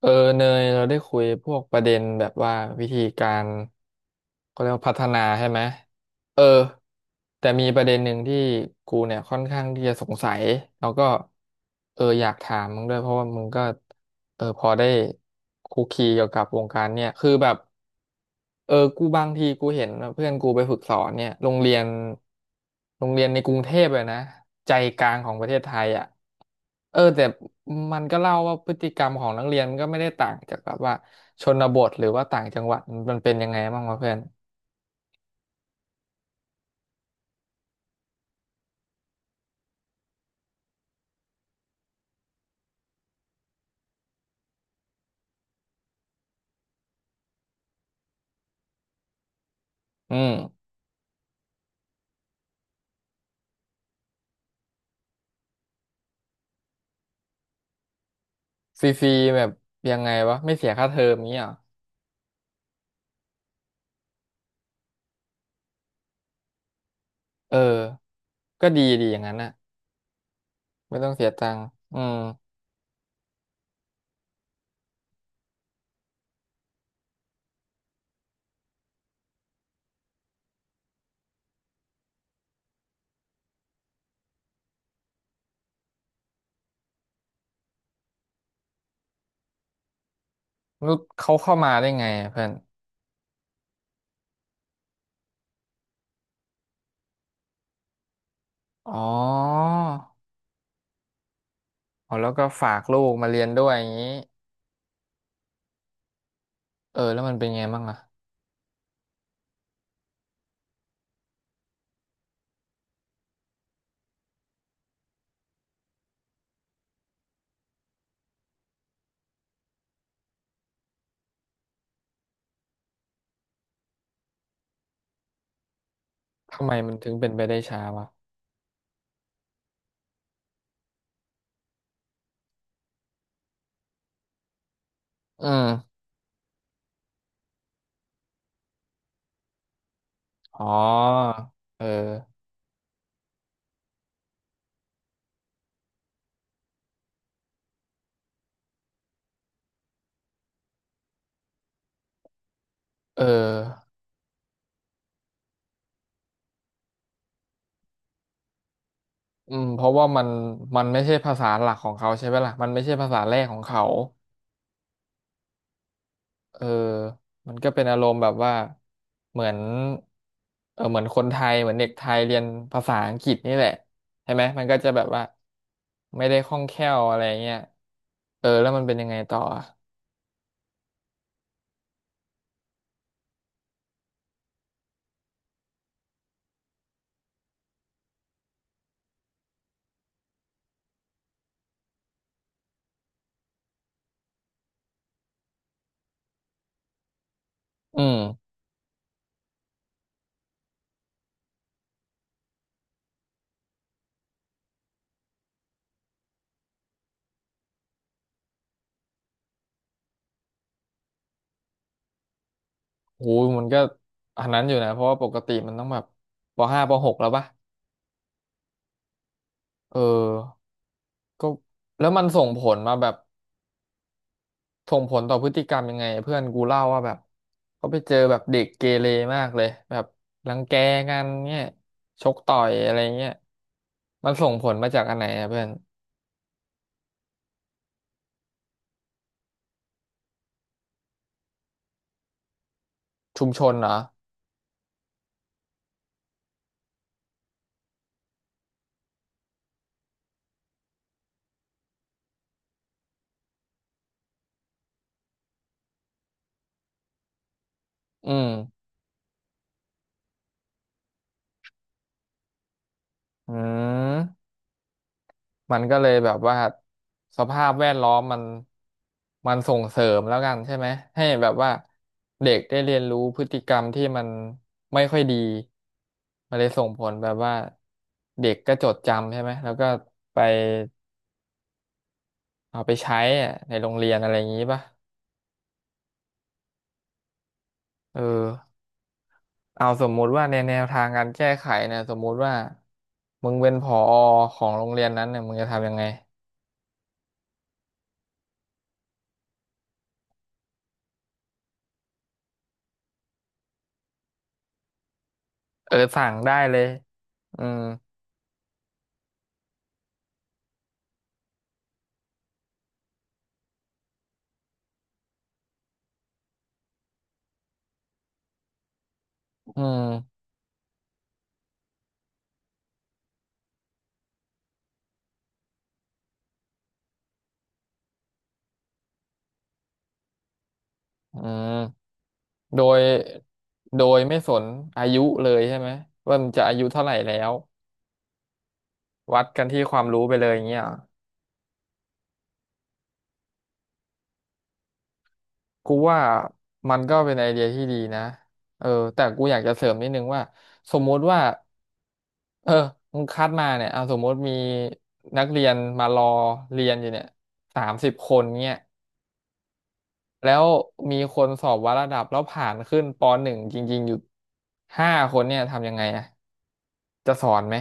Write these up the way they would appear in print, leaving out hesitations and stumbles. เออเนยเราได้คุยพวกประเด็นแบบว่าวิธีการเขาเรียกว่าพัฒนาใช่ไหมเออแต่มีประเด็นหนึ่งที่กูเนี่ยค่อนข้างที่จะสงสัยแล้วก็อยากถามมึงด้วยเพราะว่ามึงก็พอได้คุกคีเกี่ยวกับวงการเนี่ยคือแบบ กูบางทีกูเห็นเพื่อนกูไปฝึกสอนเนี่ยโรงเรียนในกรุงเทพเลยนะใจกลางของประเทศไทยอ่ะแต่มันก็เล่าว่าพฤติกรรมของนักเรียนก็ไม่ได้ต่างจากแบบว่าชนบทหรือว่าต่างจังหวัดมันเป็นยังไงบ้างวะเพื่อนอืมฟรีๆแบบยังไงวะไม่เสียค่าเทอมนี้เหรอเออก็ดีดีอย่างนั้นน่ะไม่ต้องเสียตังค์อืมรู้เขาเข้ามาได้ไงอะเพื่อนอ๋ออ๋อแล้วก็ฝากลูกมาเรียนด้วยอย่างนี้ เออแล้วมันเป็นไงบ้างอะทำไมมันถึงเป็นไปได้ช้าวะอืมอ๋อเออเอออืมเพราะว่ามันไม่ใช่ภาษาหลักของเขาใช่ไหมล่ะมันไม่ใช่ภาษาแรกของเขาเออมันก็เป็นอารมณ์แบบว่า เหมือนเออเหมือนคนไทยเหมือนเด็กไทยเรียนภาษาอังกฤษนี่แหละใช่ไหมมันก็จะแบบว่าไม่ได้คล่องแคล่วอะไรเงี้ยเออแล้วมันเป็นยังไงต่ออะอืม โหมันก็อันนั้นอยู่นะเพราะว่าปกติมันต้องแบบปห้าปหกแล้วปะเออก็แล้วมันส่งผลมาแบบส่งผลต่อพฤติกรรมยังไงเพื่อนกูเล่าว่าแบบเขาไปเจอแบบเด็กเกเรมากเลยแบบรังแกกันเนี่ยชกต่อยอะไรเงี้ยมันส่งผลมาจากอันไหนอะเพื่อนชุมชนเหรออืมอืม มันก็เลยแบบว่าสภาพแวดล้อมมันส่งเสริมแล้วกันใช่ไหมให้แบบว่าเด็กได้เรียนรู้พฤติกรรมที่มันไม่ค่อยดีมันเลยส่งผลแบบว่าเด็กก็จดจำใช่ไหมแล้วก็ไปเอาไปใช้อะในโรงเรียนอะไรอย่างนี้ป่ะเออเอาสมมุติว่าในแนวทางการแก้ไขเนี่ยสมมุติว่ามึงเป็นผอของโรงเรียนนั้นเนี่ยมึงจะทำยังไงเออสั่งได้เลยอืมอืมอืม โดยไม่สนอายุเลยใช่ไหมว่ามันจะอายุเท่าไหร่แล้ววัดกันที่ความรู้ไปเลยอย่างเงี้ยกูว่ามันก็เป็นไอเดียที่ดีนะเออแต่กูอยากจะเสริมนิดนึงว่าสมมุติว่าเออมึงคัดมาเนี่ยเอาสมมุติมีนักเรียนมารอเรียนอยู่เนี่ย30 คนเนี่ยแล้วมีคนสอบวัดระดับแล้วผ่านขึ้นปหนึ่งจริงๆอยู่ห้าคนเนี่ยทำยังไงอะจะสอนไหม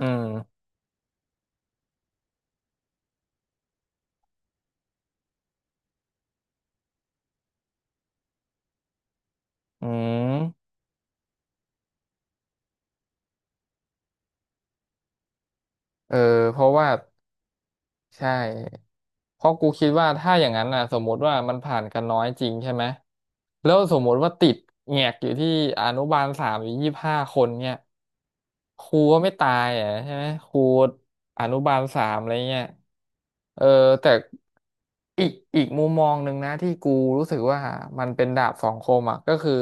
อืมอืม เออเพราะว่าใช่เพราะกูคิดว่าถ้าอย่างนั้นน่ะสมมติว่ามันผ่านกันน้อยจริงใช่ไหมแล้วสมมติว่าติดแงกอยู่ที่อนุบาลสามอยู่25 คนเนี่ยครูก็ไม่ตายอ่ะใช่ไหมครูอนุบาลสามอะไรเงี้ยเออแต่อีกมุมมองหนึ่งนะที่กูรู้สึกว่ามันเป็นดาบสองคมอ่ะก็คือ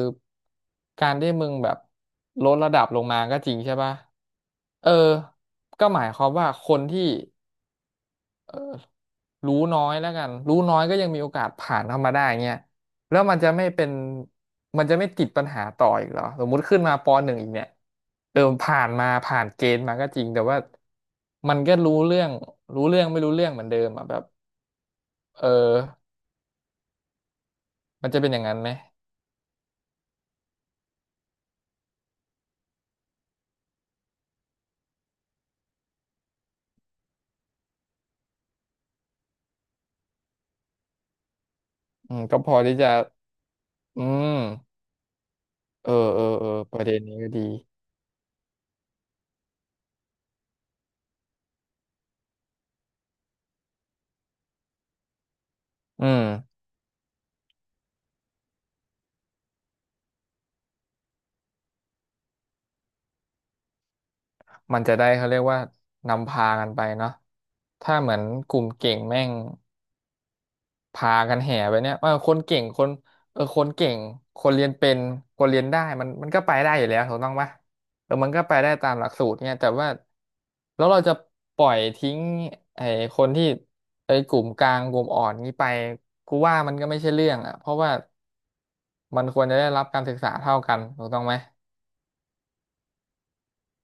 การที่มึงแบบลดระดับลงมาก็จริงใช่ปะเออก็หมายความว่าคนที่ รู้น้อยแล้วกันรู้น้อยก็ยังมีโอกาสผ่านเข้ามาได้เงี้ยแล้วมันจะไม่เป็นมันจะไม่ติดปัญหาต่ออีกเหรอสมมุติขึ้นมาปหนึ่งอีกเนี่ยเออผ่านมาผ่านเกณฑ์มาก็จริงแต่ว่ามันก็รู้เรื่องรู้เรื่องไม่รู้เรื่องเหมือนเดิมอ่ะแบบเออมันจะเป็นอย่างนั้นไหมอืมก็พอที่จะอืมเออเออเออประเด็นนี้ก็ดีอืมมันจะได้เขาเรียกว่านำพากันไปเนาะถ้าเหมือนกลุ่มเก่งแม่ง พากันแห่ไปเนี่ยว่าคนเก่งคนเออคนเก่งคนเรียนเป็นคนเรียนได้มันก็ไปได้อยู่แล้วถูกต้องปะเออมันก็ไปได้ตามหลักสูตรเนี่ยแต่ว่าแล้วเราจะปล่อยทิ้งไอ้คนที่ไอ้กลุ่มกลางกลุ่มอ่อนนี้ไปกูว่ามันก็ไม่ใช่เรื่องอ่ะเพราะว่ามันควรจะได้รับการศึกษาเท่ากันถูกต้องไหม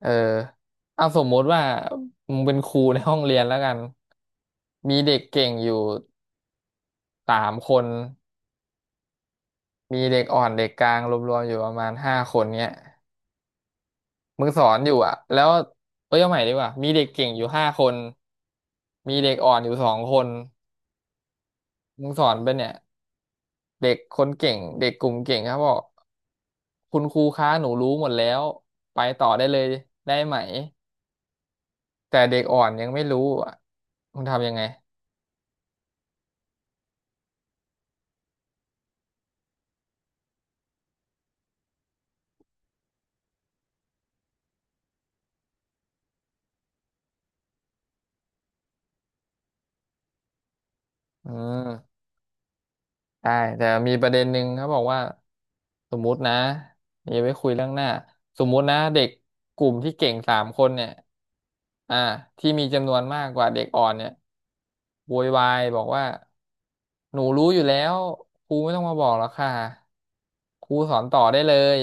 เออเอาสมมติว่ามึงเป็นครูในห้องเรียนแล้วกันมีเด็กเก่งอยู่สามคน มีเด็กอ่อนเด็กกลางรวมๆอยู่ประมาณห้าคนเนี้ยมึงสอนอยู่อ่ะแล้วเอ้ยเอาใหม่ดีกว่ามีเด็กเก่งอยู่ห้าคนมีเด็กอ่อนอยู่2 คนมึงสอนไปเนี่ยเด็กคนเก่งเด็กกลุ่มเก่งครับบอกคุณครูคะหนูรู้หมดแล้วไปต่อได้เลยได้ไหมแต่เด็กอ่อนยังไม่รู้อ่ะมึงทำยังไงอืม ได้แต่มีประเด็นหนึ่งเขาบอกว่าสมมุตินะอย่ไปคุยเรื่องหน้าสมมุตินะเด็กกลุ่มที่เก่งสามคนเนี่ยอ่าที่มีจำนวนมากกว่าเด็กอ่อนเนี่ยโวยวายบอกว่าหนูรู้อยู่แล้วครูไม่ต้องมาบอกหรอกค่ะครูสอนต่อได้เลย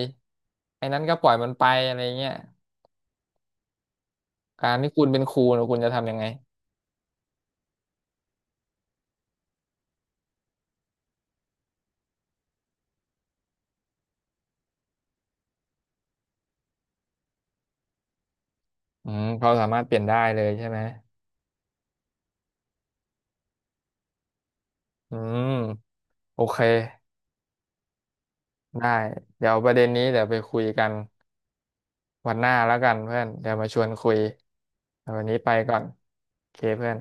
ไอ้นั้นก็ปล่อยมันไปอะไรเงี้ยการที่คุณเป็นครูเนี่ยคุณจะทำยังไงอืมเขาสามารถเปลี่ยนได้เลยใช่ไหมอืมโอเค ได้เดี๋ยวประเด็นนี้เดี๋ยวไปคุยกันวันหน้าแล้วกันเพื่อนเดี๋ยวมาชวนคุยแต่วันนี้ไปก่อนโอเคเพื่อน